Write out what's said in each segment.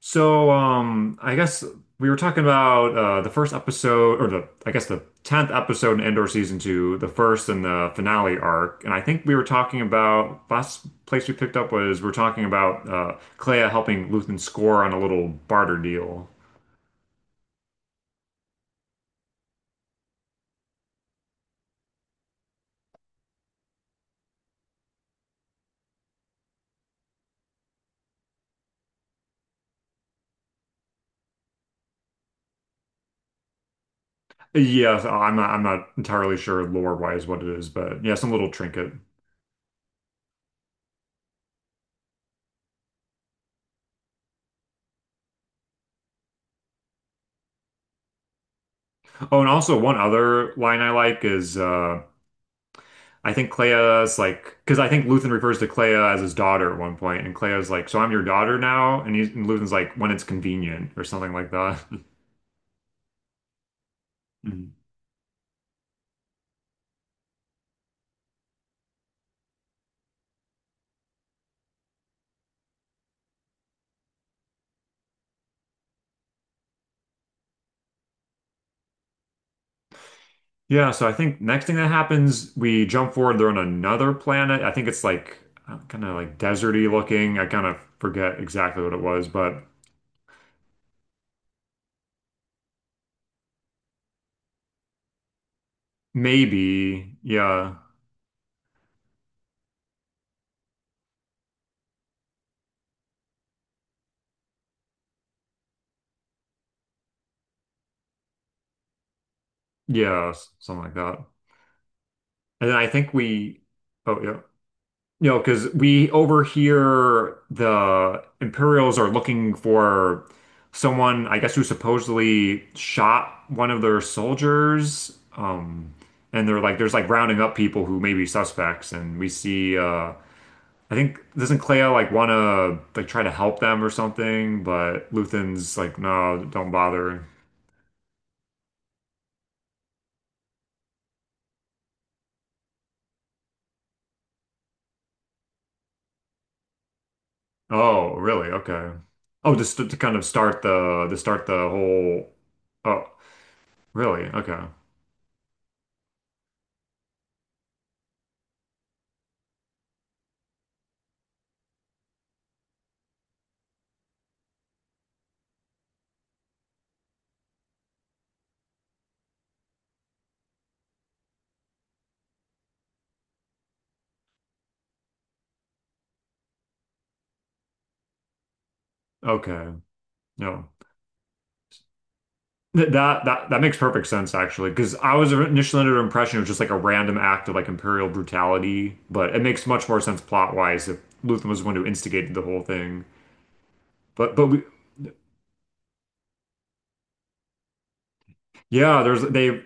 So I guess we were talking about the first episode, or the I guess the tenth episode in Endor season two, the first and the finale arc. And I think we were talking about last place we picked up was we were talking about Clea helping Luthen score on a little barter deal. Yes, I'm not entirely sure lore wise what it is, but yeah, some little trinket. Oh, and also one other line I like is I think Clea's like, because I think Luthen refers to Clea as his daughter at one point, and Clea's like, "So I'm your daughter now," and Luthen's like, "When it's convenient" or something like that. Mhm. Yeah, so I think next thing that happens, we jump forward. They're on another planet. I think it's like kind of like deserty looking. I kind of forget exactly what it was, but maybe yeah, yeah, something like that. And then I think oh yeah, You know, because we over here, the Imperials are looking for someone, I guess, who supposedly shot one of their soldiers. And they're like, there's like rounding up people who may be suspects. And we see, I think, doesn't Clea like want to like try to help them or something? But Luthen's like, no, don't bother. Oh, really? Okay. Oh, to kind of start to start the whole, oh, really? Okay. Okay. No. That makes perfect sense actually, because I was initially under the impression it was just like a random act of like imperial brutality, but it makes much more sense plot wise if Luthen was the one who instigated the whole thing. But we, yeah, there's they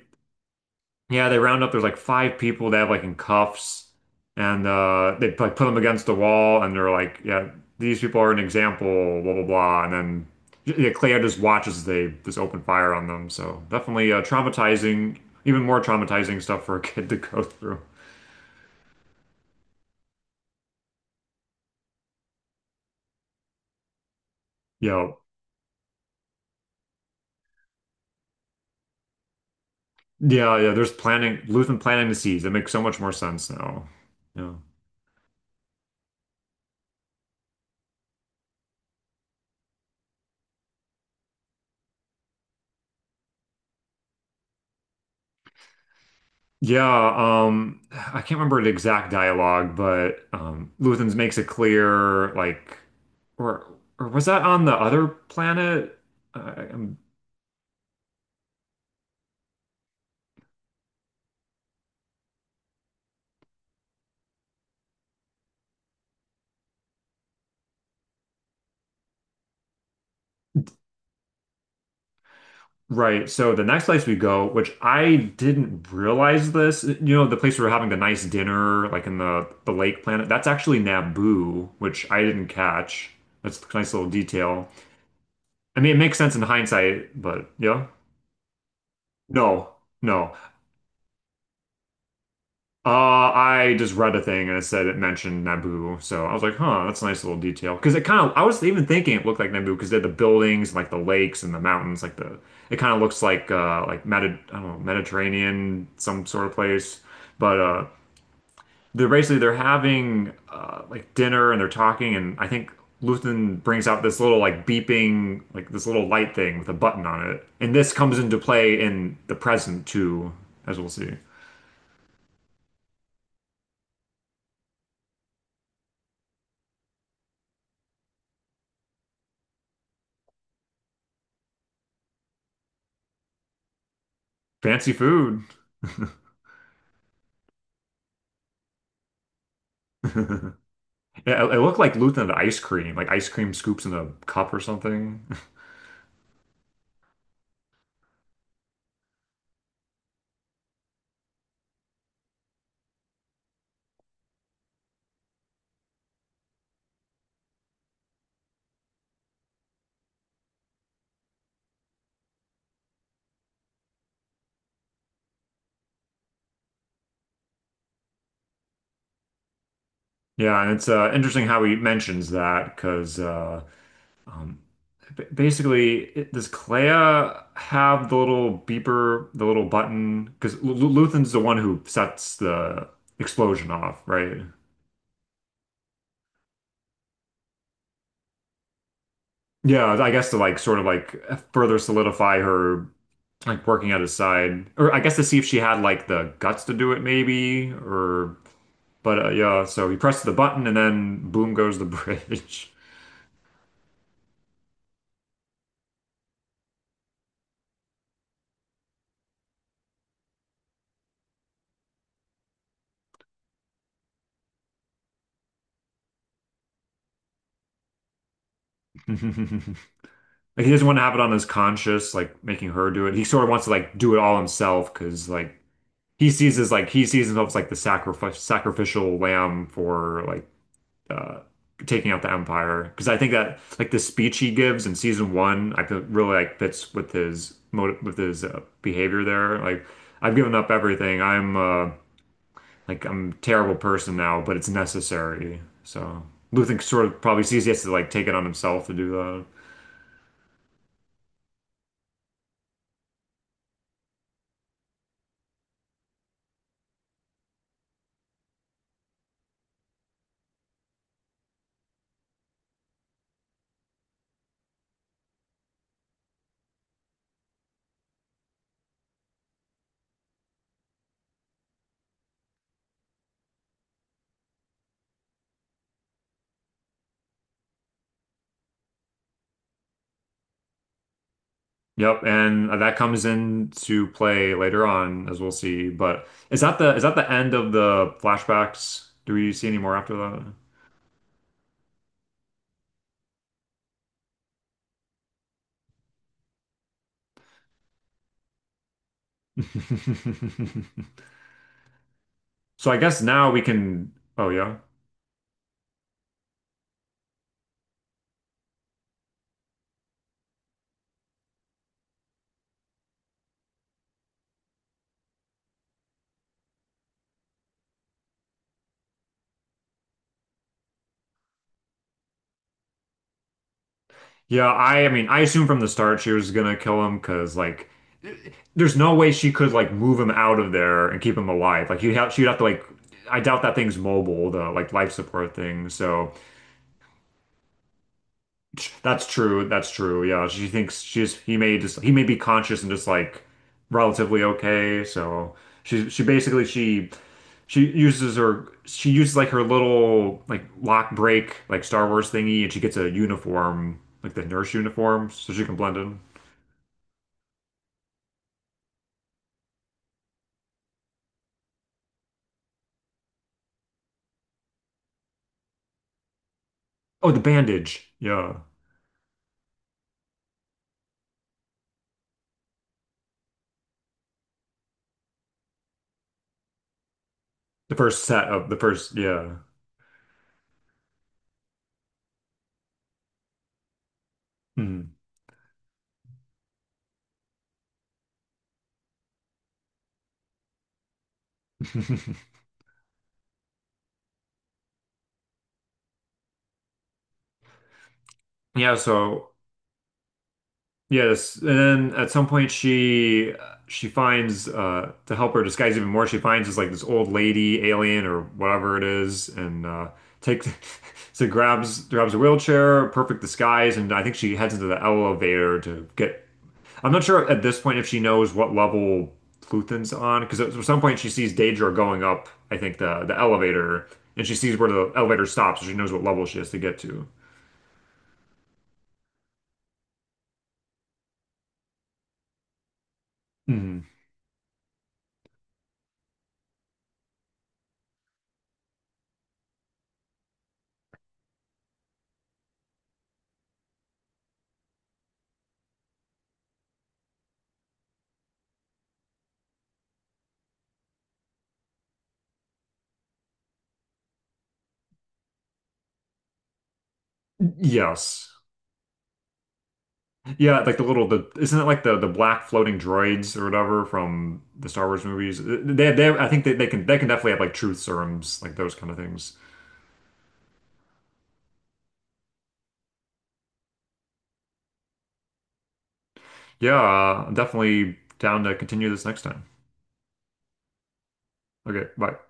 yeah they round up there's like five people they have like in cuffs, and they like put them against the wall, and they're like yeah these people are an example blah blah blah, and then yeah, yeah, Claire just watches as they just open fire on them. So definitely traumatizing, even more traumatizing stuff for a kid to go through. Yeah. Yeah, yeah. There's planting Luthen planting the seeds. That makes so much more sense now. Yeah. Yeah, I can't remember the exact dialogue, but Luthen's makes it clear, like or or was that on the other planet? I'm Right. So the next place we go, which I didn't realize this, you know, the place we were having the nice dinner, like in the lake planet, that's actually Naboo, which I didn't catch. That's a nice little detail. I mean, it makes sense in hindsight, but yeah. No, no. I just read a thing and it said it mentioned Naboo, so I was like, huh, that's a nice little detail. Because it kind of, I was even thinking it looked like Naboo because they had the buildings, like the lakes and the mountains, like the, it kind of looks like Medi I don't know, Mediterranean some sort of place. But they're basically they're having like dinner and they're talking, and I think Luthen brings out this little like beeping like this little light thing with a button on it, and this comes into play in the present too, as we'll see. Fancy food. it, it looked like Luthen had ice cream, like ice cream scoops in a cup or something. Yeah, and it's interesting how he mentions that because. Um, Basically, does Clea have the little beeper, the little button? Because Luthen's the one who sets the explosion off, right? Yeah, I guess to like sort of like further solidify her like working at his side, or I guess to see if she had like the guts to do it, maybe. Or but yeah, so he presses the button and then boom goes the bridge. Like he doesn't want to have it on his conscience, like making her do it. He sort of wants to like do it all himself because like he sees himself as like the sacrifice sacrificial lamb for like uh taking out the empire because I think that like the speech he gives in season one I feel really like fits with his motive with his behavior there like I've given up everything I'm a terrible person now but it's necessary so Luthen sort of probably sees he has to like take it on himself to do that. Yep, and that comes into play later on, as we'll see. But is that the end of the flashbacks? Do we see any more after that? So I guess now we can. Oh yeah, yeah. I mean, I assume from the start she was gonna kill him because like, there's no way she could like move him out of there and keep him alive. Like he'd have she'd have to like. I doubt that thing's mobile, the like life support thing. So that's true. That's true. Yeah, she thinks she's he may just he may be conscious and just like relatively okay. So she she basically she she uses her she uses like her little like lock break like Star Wars thingy and she gets a uniform like the nurse uniform so she can blend in. Oh, the bandage. Yeah, the first. Yeah. Hmm. Yeah. So yes, and then at some point she finds to help her disguise even more, she finds this like this old lady alien or whatever it is, and takes so grabs a wheelchair, perfect disguise, and I think she heads into the elevator to get. I'm not sure at this point if she knows what level Pluton's on, because at some point she sees Daedra going up, I think the elevator, and she sees where the elevator stops, so she knows what level she has to get to. Mhm. Yes. Yeah, like the little the isn't it like the black floating droids or whatever from the Star Wars movies? They I think they can definitely have like truth serums like those kind of things. Yeah, I'm definitely down to continue this next time. Okay, bye.